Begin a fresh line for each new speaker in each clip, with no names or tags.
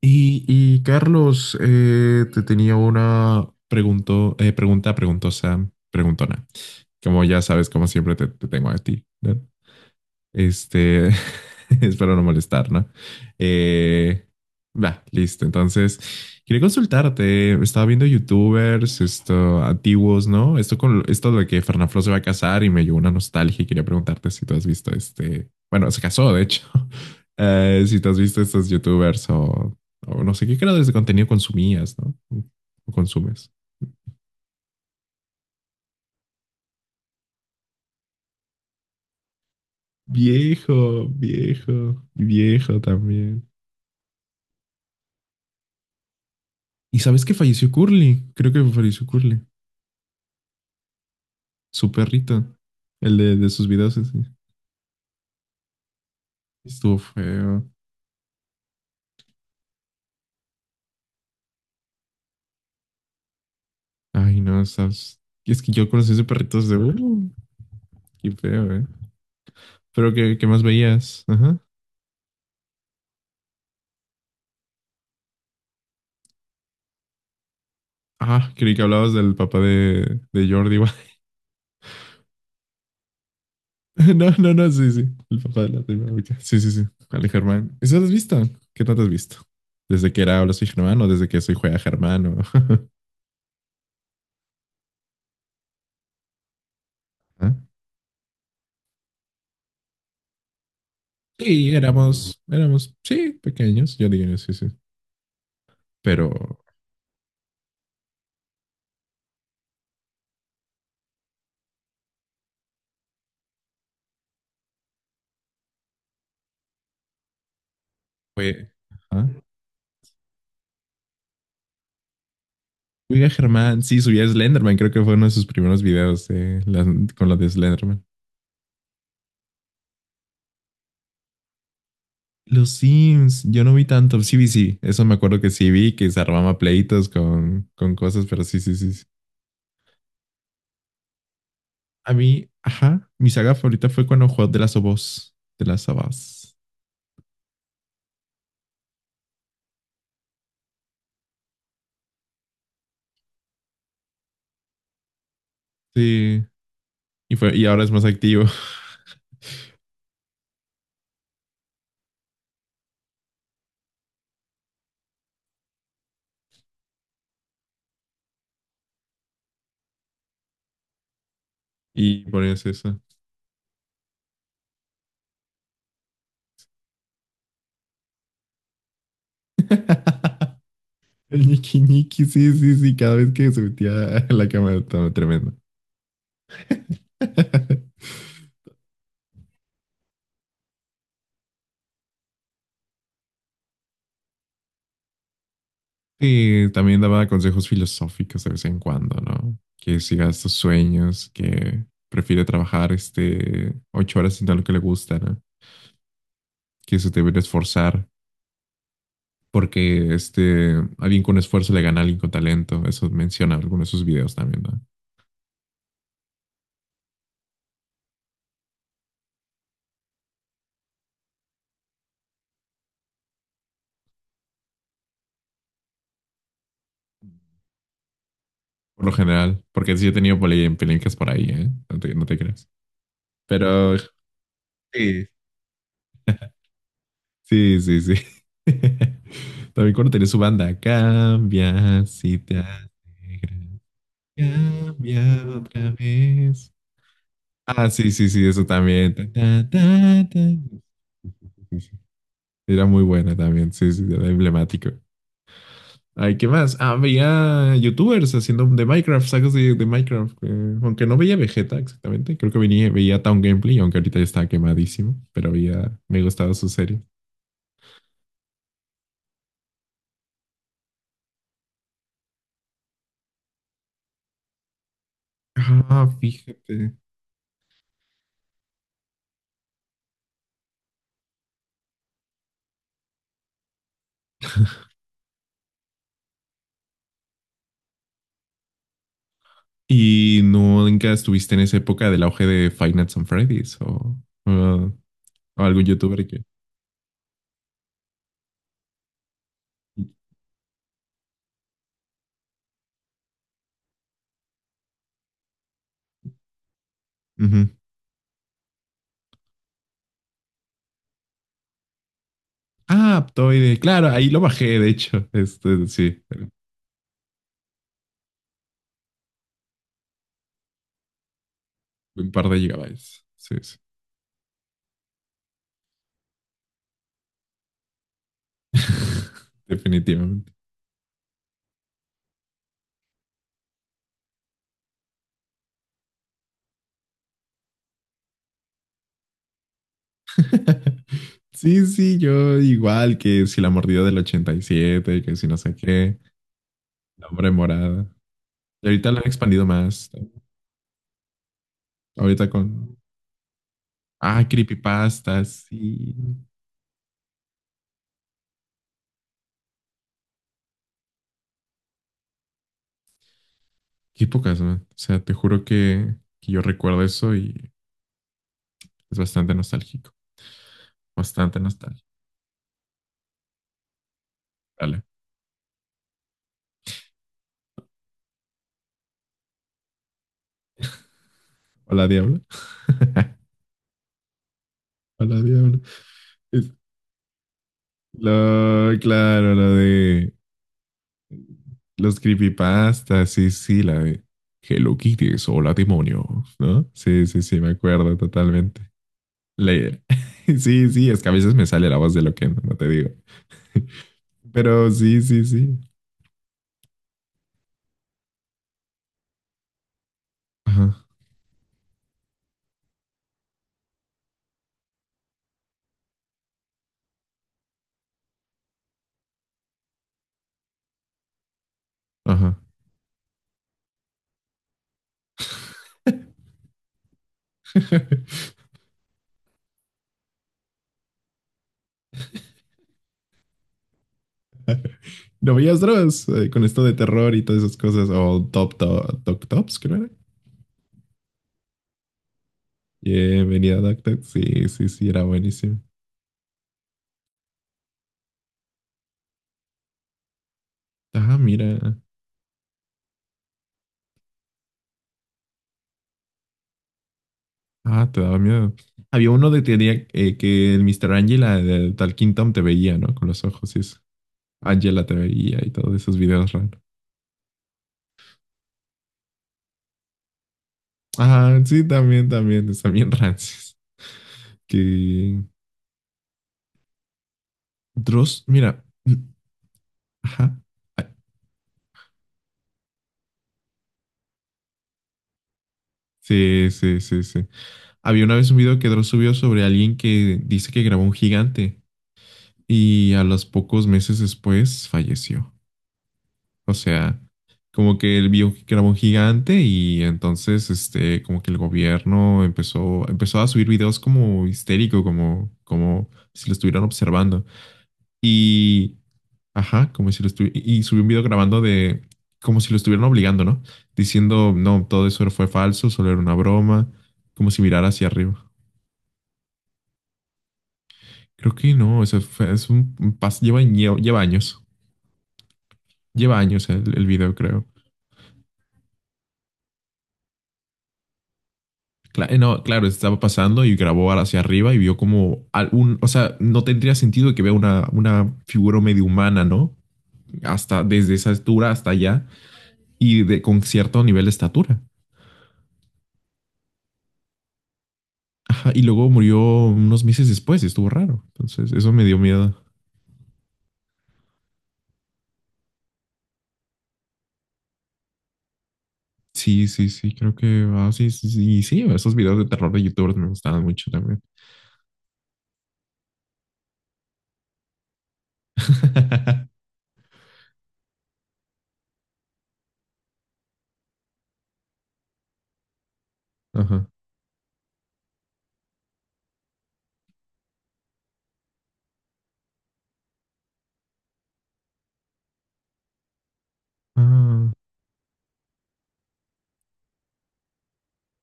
Carlos, te tenía una pregunto, pregunta preguntosa, preguntona. Como ya sabes, como siempre te tengo a ti, ¿no? este, Espero no molestar, ¿no? Eh, Va, listo. Entonces, quería consultarte. Estaba viendo YouTubers, esto, antiguos, ¿no? Esto con esto de que Fernanfloo se va a casar y me llegó una nostalgia y quería preguntarte si tú has visto este. Bueno, se casó, de hecho. Si tú has visto estos YouTubers o no sé qué creadores de contenido consumías, ¿no? O consumes. Viejo, viejo, viejo también. ¿Y sabes que falleció Curly? Creo que falleció Curly, su perrito, el de sus videos, ese. Estuvo feo. Ay, no, sabes. Y es que yo conocí ese perrito de… qué feo, ¿eh? Pero, ¿qué más veías? Ajá. Ah, creí que hablabas del papá de Jordi Wild. No, no, no, sí, sí. El papá de la primera. Sí, sí, sí. Ale Germán. ¿Eso lo has visto? ¿Qué tanto has visto? ¿Desde que era Habla Soy Germán o desde que soy Juega Germán? O— ¿Ah? Sí, éramos, sí, pequeños, yo diría, sí, sí. Pero fue. ¿Ah? Oiga, Germán, sí, subía Slenderman, creo que fue uno de sus primeros videos, las… con lo de Slenderman. Los Sims, yo no vi tanto, sí vi, sí, eso me acuerdo que sí vi, que se armaba pleitos con cosas, pero sí, sí, sí, sí. A mí, ajá, mi saga favorita fue cuando jugó de las of Us, de las of Us. Sí, y ahora es más activo. Y por eso. El ñiqui ñiqui, sí, sí, sí, cada vez que se metía a la cámara estaba tremendo. Sí, también daba consejos filosóficos de vez en cuando, ¿no? Que sigas tus sueños, que prefiere trabajar este ocho horas haciendo lo que le gusta, ¿no? Que se debe esforzar, porque este alguien con esfuerzo le gana a alguien con talento. Eso menciona en alguno de sus videos también, ¿no? Por lo general, porque sí he tenido polémicas por ahí, ¿eh? No te, no te creas. Pero sí, sí, sí, sí. También cuando tenía su banda, cambia si te alegra, cambia otra vez. Ah, sí, sí, sí, eso también. Ta, ta, ta, ta. Sí, sí, sí. Era muy buena también, sí, sí, era emblemático. Ay, ¿qué más? Ah, veía youtubers haciendo de Minecraft, sagas de Minecraft, aunque no veía Vegeta exactamente. Creo que venía, veía Town Gameplay, aunque ahorita ya estaba quemadísimo. Pero había, me gustaba su serie. Ah, fíjate. ¿Y no nunca estuviste en esa época del auge de Five Nights on Freddy's o- o algún youtuber que… Ujú. Ah, Aptoide. Claro, ahí lo bajé, de hecho. Este, sí, un par de gigabytes. Sí, sí. Definitivamente. Sí, sí, yo igual, que si la mordida del 87, que si no sé qué, la hombre morada. Y ahorita lo han expandido más, ¿no? Ahorita con… Ah, creepypastas y… Qué pocas, man. O sea, te juro que yo recuerdo eso y es bastante nostálgico. Bastante nostálgico. Dale. Hola, diablo. Hola, diablo. Es- Lo, claro, lo de… Los creepypastas, sí, sí, la de Hello Kitties, hola demonios, ¿no? Sí, sí, sí, me acuerdo totalmente. La- Sí, sí, es que a veces me sale la voz de lo que no, no te digo. Pero sí, sí, sí. Ajá, ajá. ¿No veías Dross, con esto de terror y todas esas cosas? O Top Top, Top Tops, creo era. Y venía Duck. Sí, sí, sí, era buenísimo. Ah, mira. Ah, te daba miedo. Había uno de teoría, que el Mr. Angela de Tal Kingdom te veía, ¿no? Con los ojos y eso. Angela te veía y todos esos videos raros. Ah, sí, también, también, están bien rancios. Que Dross, mira. Ajá. Ah, sí, sí, sí, sí. Había una vez un video que Dross subió sobre alguien que dice que grabó un gigante y a los pocos meses después falleció. O sea, como que él vio que era un gigante y entonces, este, como que el gobierno empezó a subir videos como histérico, como, como si lo estuvieran observando. Y, ajá, como si lo estuvieran, y subió un video grabando de, como si lo estuvieran obligando, ¿no? Diciendo, no, todo eso fue falso, solo era una broma, como si mirara hacia arriba. Creo que no, eso fue, es un, lleva, lleva años el video, creo. No, claro, estaba pasando y grabó hacia arriba y vio como algún, o sea, no tendría sentido que vea una figura medio humana, ¿no? Hasta desde esa altura hasta allá y de, con cierto nivel de estatura. Ajá, y luego murió unos meses después, estuvo raro. Entonces, eso me dio miedo. Sí, sí, sí, creo que, ah, sí, sí, sí, sí, esos videos de terror de youtubers me gustaban mucho también. Ajá. Ah,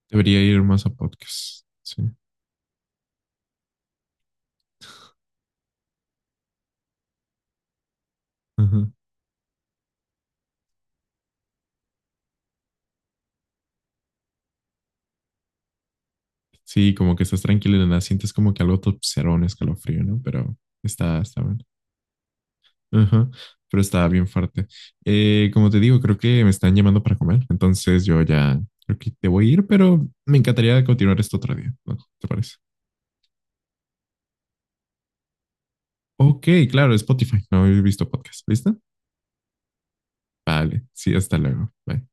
debería ir más a podcasts. Sí. Ajá. Sí, como que estás tranquilo y de nada, sientes como que algo te observa, un escalofrío, ¿no? Pero está, está bueno. Ajá, pero está bien fuerte. Como te digo, creo que me están llamando para comer, entonces yo ya creo que te voy a ir, pero me encantaría continuar esto otro día, ¿no? ¿Te parece? Ok, claro, Spotify, no he visto podcast, ¿listo? Vale, sí, hasta luego. Bye.